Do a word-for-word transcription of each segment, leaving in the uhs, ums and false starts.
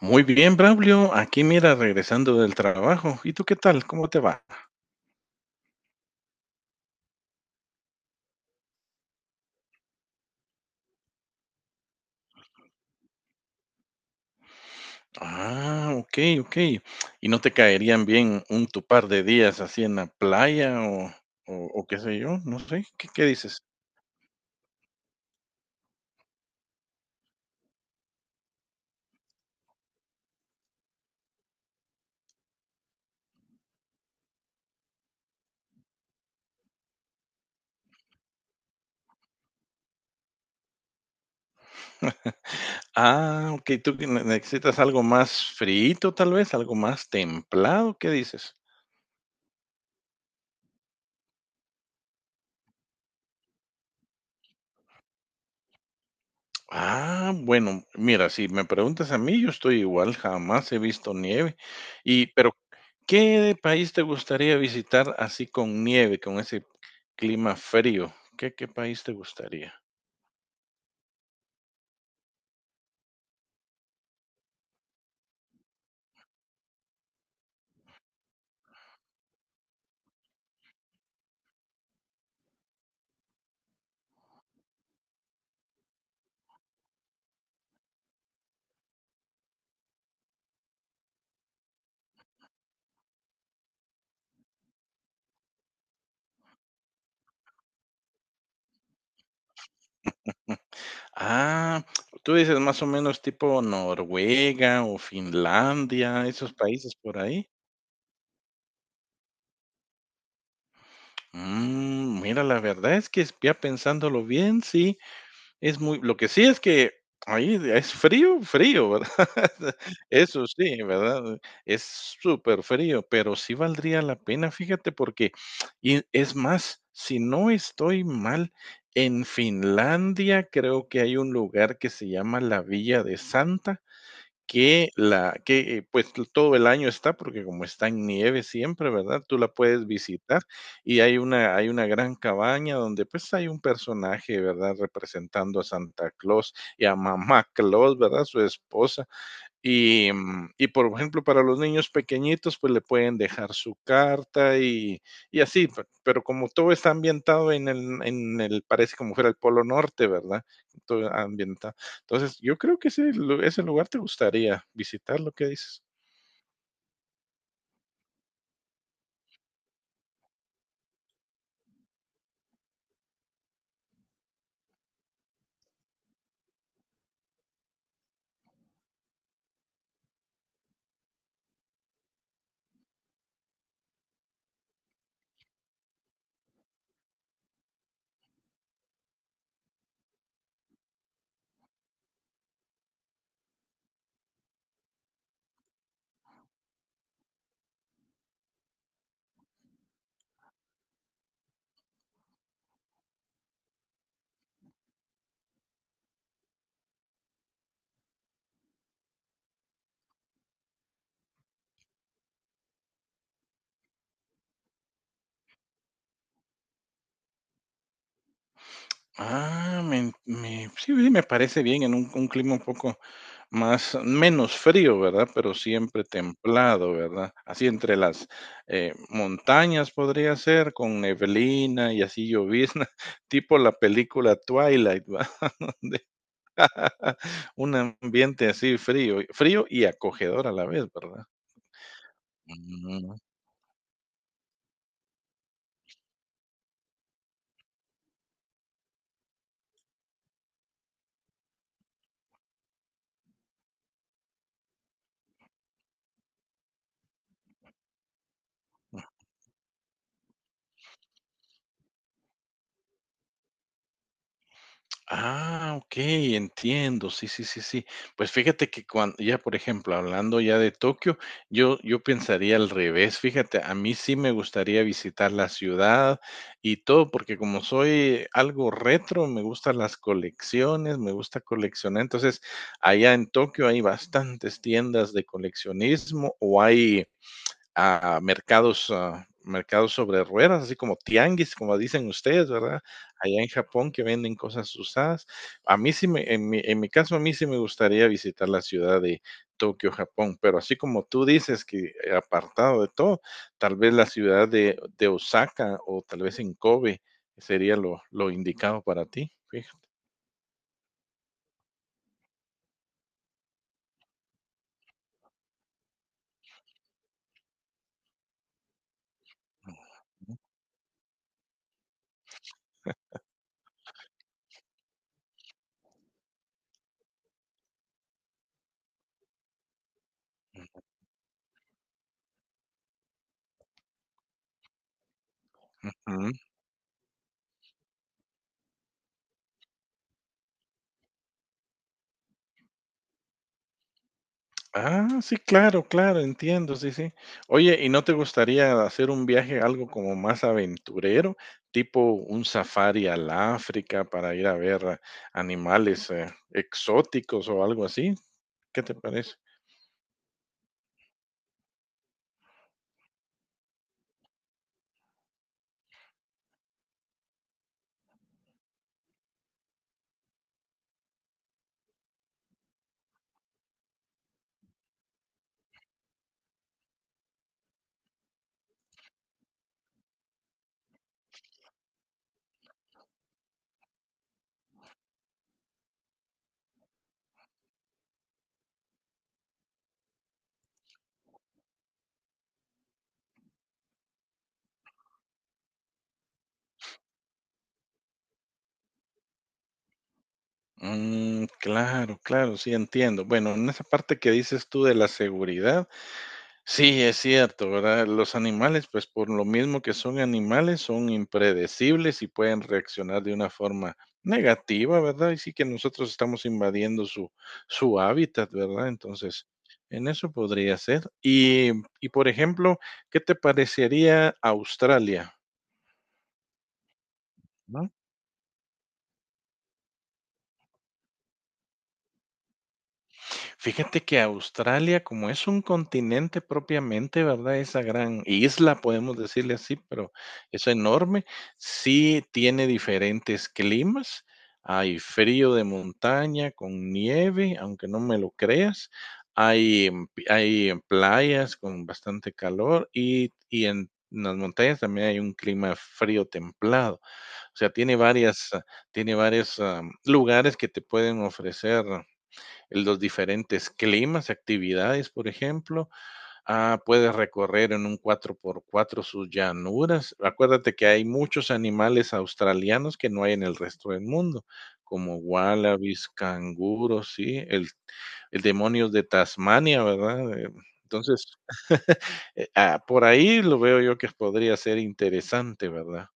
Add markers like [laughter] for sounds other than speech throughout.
Muy bien, Braulio. Aquí mira, regresando del trabajo. ¿Y tú qué tal? ¿Cómo te va? Ah, ok, ok. ¿Y no te caerían bien un tu par de días así en la playa o, o, o qué sé yo? No sé. ¿Qué, qué dices? Ah, ok. ¿Tú que ne- necesitas algo más frito, tal vez? ¿Algo más templado? ¿Qué dices? Ah, bueno, mira, si me preguntas a mí, yo estoy igual. Jamás he visto nieve. Y, pero, ¿qué país te gustaría visitar así con nieve, con ese clima frío? ¿Qué qué país te gustaría? Ah, tú dices más o menos tipo Noruega o Finlandia, esos países por ahí. Mm, mira, la verdad es que ya pensándolo bien, sí, es muy lo que sí es que ahí es frío, frío, ¿verdad? [laughs] Eso sí, ¿verdad? Es súper frío, pero sí valdría la pena, fíjate, porque, y es más, si no estoy mal, en Finlandia creo que hay un lugar que se llama la Villa de Santa, que la que eh, pues t- todo el año está porque como está en nieve siempre, ¿verdad? Tú la puedes visitar y hay una hay una gran cabaña donde pues hay un personaje, ¿verdad?, representando a Santa Claus y a Mamá Claus, ¿verdad?, su esposa. Y, mm, y, por ejemplo, para los niños pequeñitos, pues le pueden dejar su carta y, y así, pe- pero como todo está ambientado en el, en el, parece como fuera el Polo Norte, ¿verdad? Todo ambientado. Entonces, yo creo que ese, lu- ese lugar te gustaría visitar, lo que dices. Ah, me, me- sí, sí, me parece bien en un, un clima un poco más menos frío, ¿verdad? Pero siempre templado, ¿verdad? Así entre las, eh, montañas, podría ser, con neblina y así llovizna, [laughs] tipo la película Twilight, ¿verdad? [laughs] Donde [laughs] un ambiente así frío, frío y acogedor a la vez, ¿verdad? Mm. Ah, okey, entiendo. Sí, sí, sí, sí. Pues fíjate que cuando ya, por ejemplo, hablando ya de Tokio, yo yo pensaría al revés, fíjate, a mí sí me gustaría visitar la ciudad y todo, porque como soy algo retro, me gustan las colecciones, me gusta coleccionar. Entonces, allá en Tokio hay bastantes tiendas de coleccionismo o hay a mercados, ah, mercados sobre ruedas, así como tianguis, como dicen ustedes, ¿verdad? Allá en Japón que venden cosas usadas. A mí sí me, en mi, en mi caso, a mí sí me gustaría visitar la ciudad de Tokio, Japón, pero así como tú dices que eh, apartado de todo, tal vez la ciudad de, de Osaka o tal vez en Kobe sería lo, lo indicado para ti, fija-. Ah, sí, claro, claro, entiendo, sí, sí. Oye, ¿y no te gustaría hacer un viaje algo como más aventurero, tipo un safari al África para ir a ver eh, animales eh, exóticos o algo así? ¿Qué te parece? Mm, claro, claro, sí, entiendo. Bueno, en esa parte que dices tú de la seguridad, sí, es cierto, ¿verdad? Los animales, pues por lo mismo que son animales, son impredecibles y pueden reaccionar de una forma negativa, ¿verdad? Y sí que nosotros estamos invadiendo su, su hábitat, ¿verdad? Entonces, en eso podría ser. Y, y por ejemplo, ¿qué te parecería Australia? ¿No? Fíjate que Australia, como es un continente propiamente, ¿verdad?, esa gran isla, podemos decirle así, pero es enorme. Sí tiene diferentes climas. Hay frío de montaña con nieve, aunque no me lo creas. Hay, em, pi- hay em, playas con bastante calor y, y en las montañas también hay un clima frío templado. O sea, tiene varias, ah, tiene varios ah, lugares que te pueden ofrecer los diferentes climas, actividades, por ejemplo. Ah, puedes recorrer en un cuatro por cuatro sus llanuras. Acuérdate que hay muchos animales australianos que no hay en el resto del mundo, como wallabies, canguros, sí, el, el demonios de Tasmania, ¿verdad? Eh, Entonces, [laughs] eh, ah, por ahí lo veo yo que podría ser interesante, ¿verdad?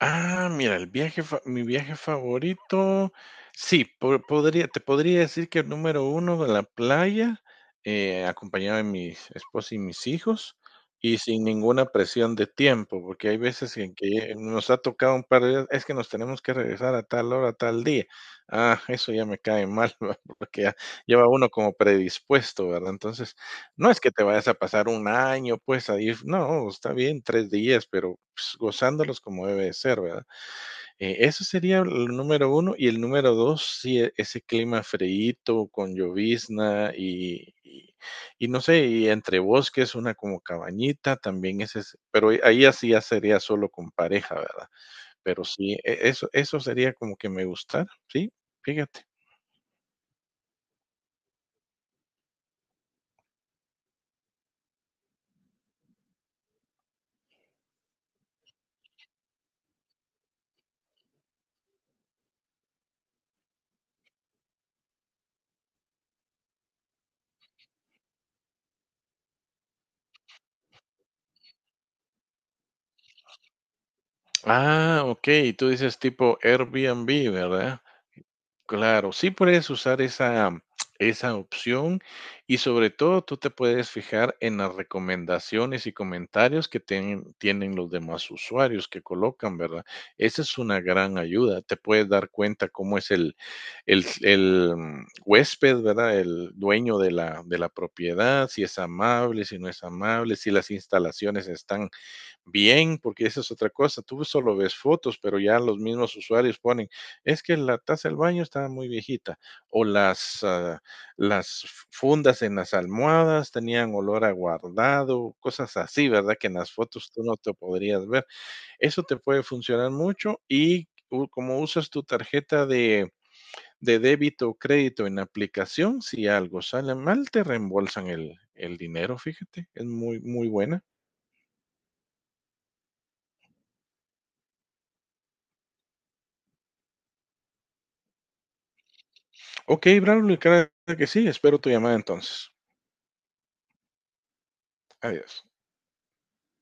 Ah, mira, el viaje fa mi viaje favorito, sí, po podría te podría decir que el número uno, de la playa, eh, acompañado de mi esposa y mis hijos, y sin ninguna presión de tiempo, porque hay veces en que nos ha tocado un par de días, es que nos tenemos que regresar a tal hora, tal día. Ah, eso ya me cae mal, [laughs] ¿verdad? Porque ya ya va uno como predispuesto, ¿verdad? Entonces, no es que te vayas a pasar un año, pues, ahí, no, está bien, tres días, pero, pues, gozándolos como debe de ser, ¿verdad? Eh, eso sería el número uno, y el número dos, sí, e ese clima freíto con llovizna y y y no sé, y entre bosques, una como cabañita, también ese es, pero ahí así ya sería solo con pareja, ¿verdad? Pero sí, e eso, eso sería como que me gustara, sí, fíjate. Ah, okey, tú dices tipo Airbnb, ¿verdad? Claro, sí puedes usar esa, esa opción, y sobre todo tú te puedes fijar en las recomendaciones y comentarios que ten- tienen los demás usuarios que colocan, ¿verdad? Esa es una gran ayuda. Te puedes dar cuenta cómo es el, el, el, mm, huésped, ¿verdad?, el dueño de la, de la propiedad, si es amable, si no es amable, si las instalaciones están bien, porque esa es otra cosa. Tú solo ves fotos, pero ya los mismos usuarios ponen, es que la taza del baño está muy viejita o las, ah, las fundas en las almohadas tenían olor a guardado, cosas así, ¿verdad?, que en las fotos tú no te podrías ver. Eso te puede funcionar mucho, y u- como usas tu tarjeta de, de débito o crédito en la aplicación, si algo sale mal, te reembolsan el, el dinero, fíjate, es muy, muy buena. Ok, Braulio, claro que sí. Espero tu llamada entonces. Adiós.